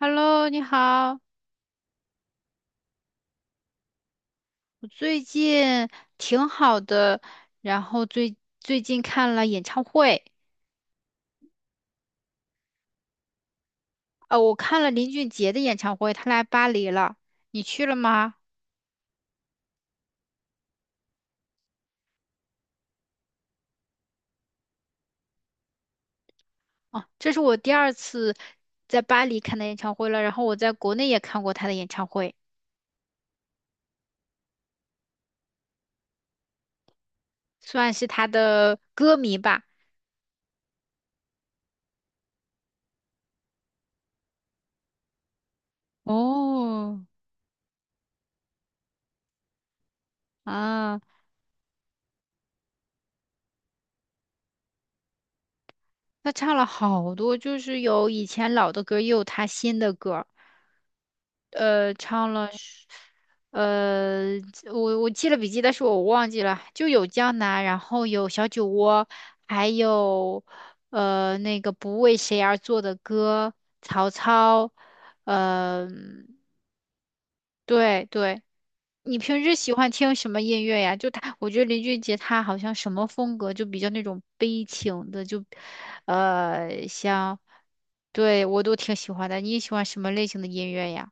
Hello，你好，我最近挺好的，然后最近看了演唱会，我看了林俊杰的演唱会，他来巴黎了，你去了吗？哦，这是我第二次在巴黎看的演唱会了，然后我在国内也看过他的演唱会，算是他的歌迷吧。哦，啊，他唱了好多，就是有以前老的歌，也有他新的歌。唱了是呃，我记了笔记，但是我忘记了，就有江南，然后有小酒窝，还有那个不为谁而作的歌，曹操，呃，对对，你平时喜欢听什么音乐呀？就他，我觉得林俊杰他好像什么风格就比较那种悲情的，就像，对我都挺喜欢的。你喜欢什么类型的音乐呀？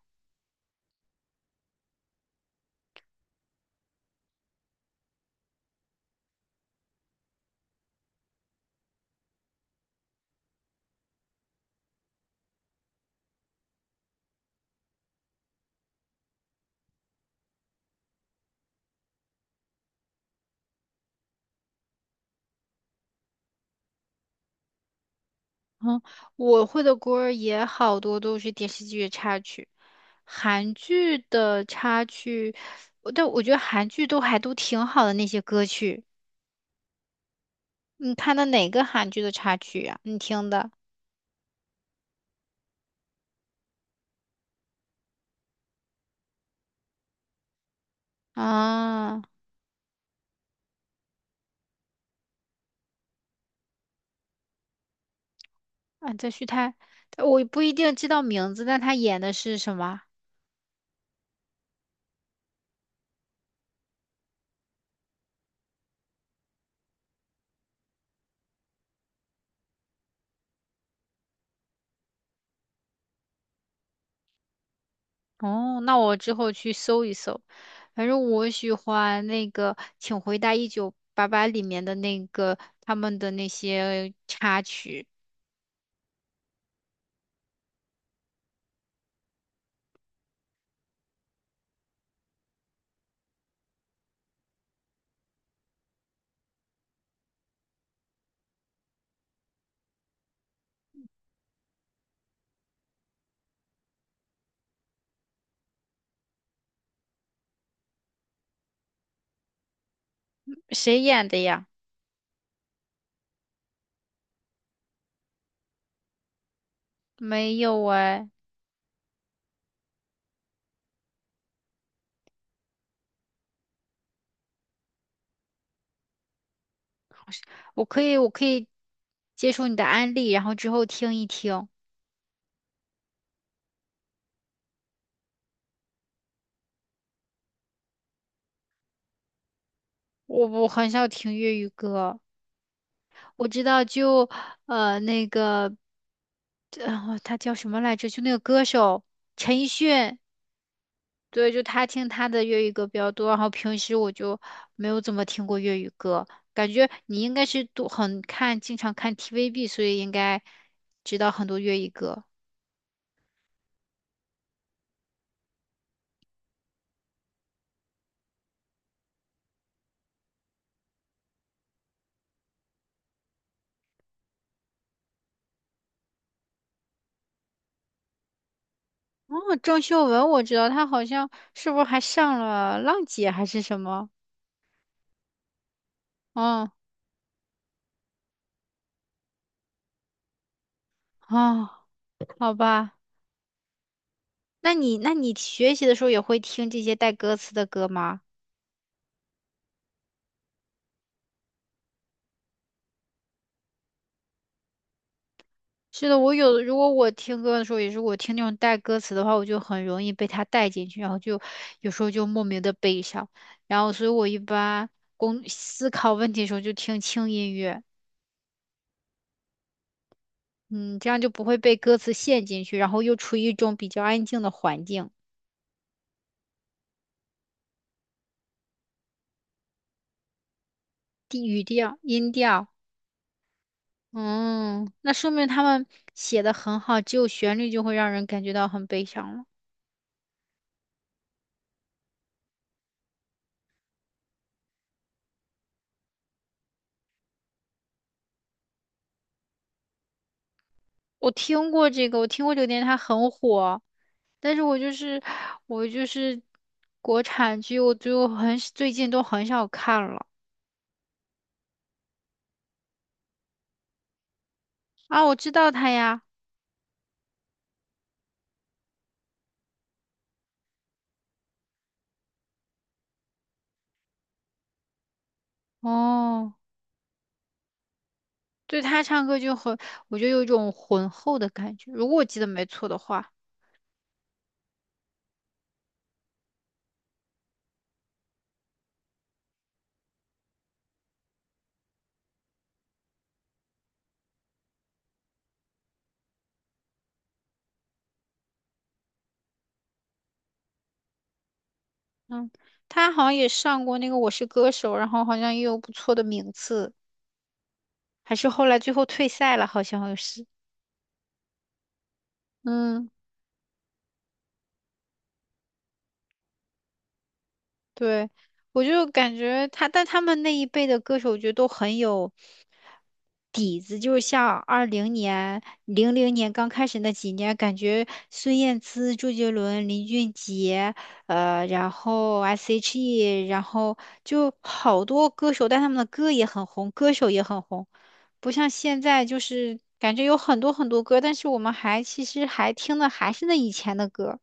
嗯，我会的歌儿也好多都是电视剧的插曲，韩剧的插曲，但我觉得韩剧都还都挺好的那些歌曲。你看的哪个韩剧的插曲呀、你听的啊啊，这徐泰，我不一定知道名字，但他演的是什么？哦，那我之后去搜一搜。反正我喜欢那个《请回答一九八八》里面的那个他们的那些插曲，谁演的呀？没有哎，我可以接受你的安利，然后之后听一听。我很少听粤语歌，我知道就那个他叫什么来着？就那个歌手陈奕迅，对，就他听他的粤语歌比较多，然后平时我就没有怎么听过粤语歌。感觉你应该是都很看，经常看 TVB，所以应该知道很多粤语歌。哦，郑秀文我知道，她好像是不是还上了《浪姐》还是什么？哦哦，好吧，那你学习的时候也会听这些带歌词的歌吗？是的，我有，如果我听歌的时候，也是我听那种带歌词的话，我就很容易被它带进去，然后就有时候就莫名的悲伤，然后所以我一般工思考问题的时候就听轻音乐，嗯，这样就不会被歌词陷进去，然后又处于一种比较安静的环境，地语调、音调。嗯，那说明他们写的很好，只有旋律就会让人感觉到很悲伤了。我听过这个，我听过这个电视，它很火，但是我就是国产剧，我就很最近都很少看了啊。我知道他呀，哦，对他唱歌就很，我就有一种浑厚的感觉，如果我记得没错的话，嗯，他好像也上过那个《我是歌手》，然后好像也有不错的名次，还是后来最后退赛了，好像是。嗯，对，我就感觉他，但他们那一辈的歌手，我觉得都很有底子。就是像二零年、零零年刚开始那几年，感觉孙燕姿、周杰伦、林俊杰，然后 S.H.E，然后就好多歌手，但他们的歌也很红，歌手也很红，不像现在就是感觉有很多很多歌，但是我们还其实还听的还是那以前的歌。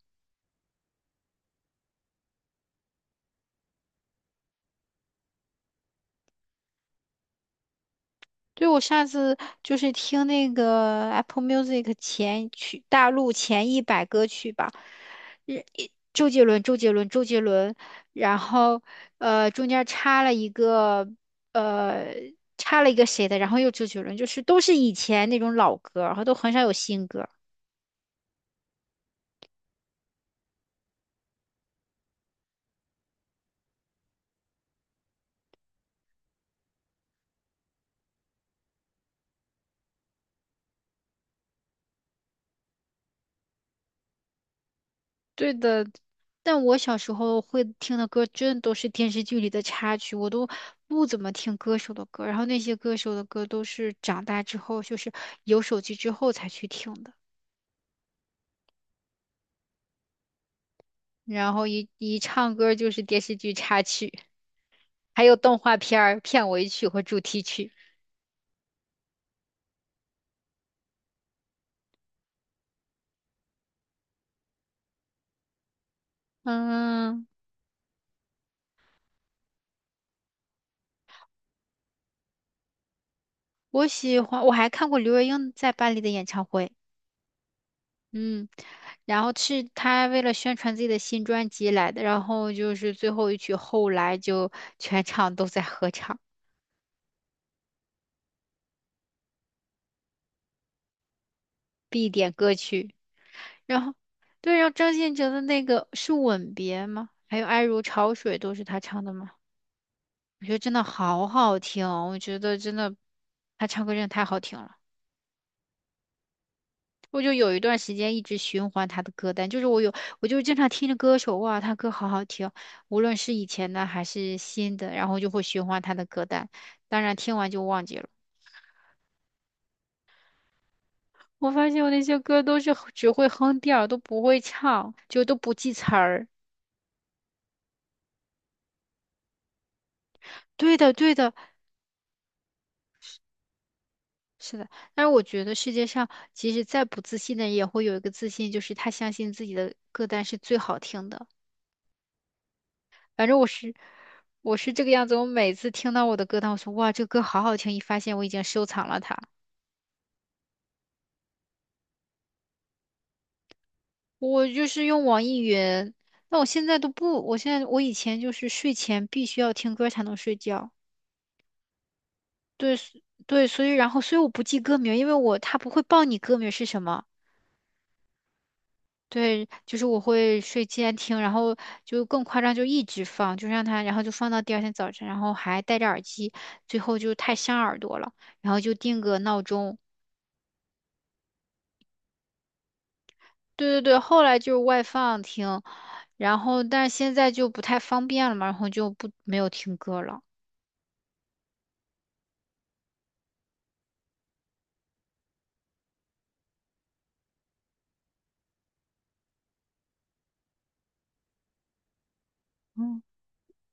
对，我上次就是听那个 Apple Music 前曲大陆前一百歌曲吧，日一周杰伦，周杰伦，周杰伦，然后中间插了一个呃插了一个谁的，然后又周杰伦，就是都是以前那种老歌，然后都很少有新歌。对的，但我小时候会听的歌，真的都是电视剧里的插曲，我都不怎么听歌手的歌，然后那些歌手的歌都是长大之后，就是有手机之后才去听的，然后一唱歌就是电视剧插曲，还有动画片儿片尾曲和主题曲。嗯，我喜欢，我还看过刘若英在巴黎的演唱会。嗯，然后是他为了宣传自己的新专辑来的，然后就是最后一曲《后来》就全场都在合唱，必点歌曲。然后，对，然后张信哲的那个是《吻别》吗？还有《爱如潮水》都是他唱的吗？我觉得真的好好听哦我觉得真的他唱歌真的太好听了。我就有一段时间一直循环他的歌单，就是我有，我就经常听着歌手，哇，他歌好好听，无论是以前的还是新的，然后就会循环他的歌单。当然听完就忘记了。我发现我那些歌都是只会哼调儿都不会唱，就都不记词儿。对的，对的，是的。但是我觉得世界上，其实再不自信的人，也会有一个自信，就是他相信自己的歌单是最好听的。反正我是这个样子。我每次听到我的歌单，我说哇，这个歌好好听，一发现我已经收藏了它。我就是用网易云，那我现在都不，我现在我以前就是睡前必须要听歌才能睡觉。对所对，所以然后所以我不记歌名，因为我它不会报你歌名是什么。对，就是我会睡前听，然后就更夸张，就一直放，就让它，然后就放到第二天早晨，然后还戴着耳机，最后就太伤耳朵了，然后就定个闹钟，对对对，后来就是外放听，然后但是现在就不太方便了嘛，然后就不没有听歌了。嗯，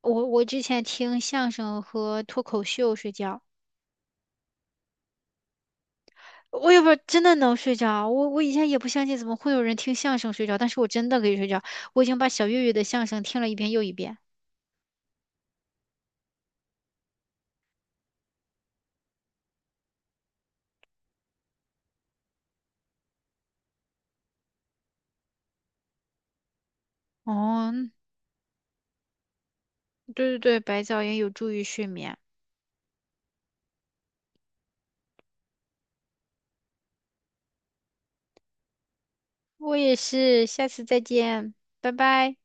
我之前听相声和脱口秀睡觉，我也不知道真的能睡着，我以前也不相信怎么会有人听相声睡着，但是我真的可以睡着，我已经把小岳岳的相声听了一遍又一遍。哦，对对对，白噪音有助于睡眠。我也是，下次再见，拜拜。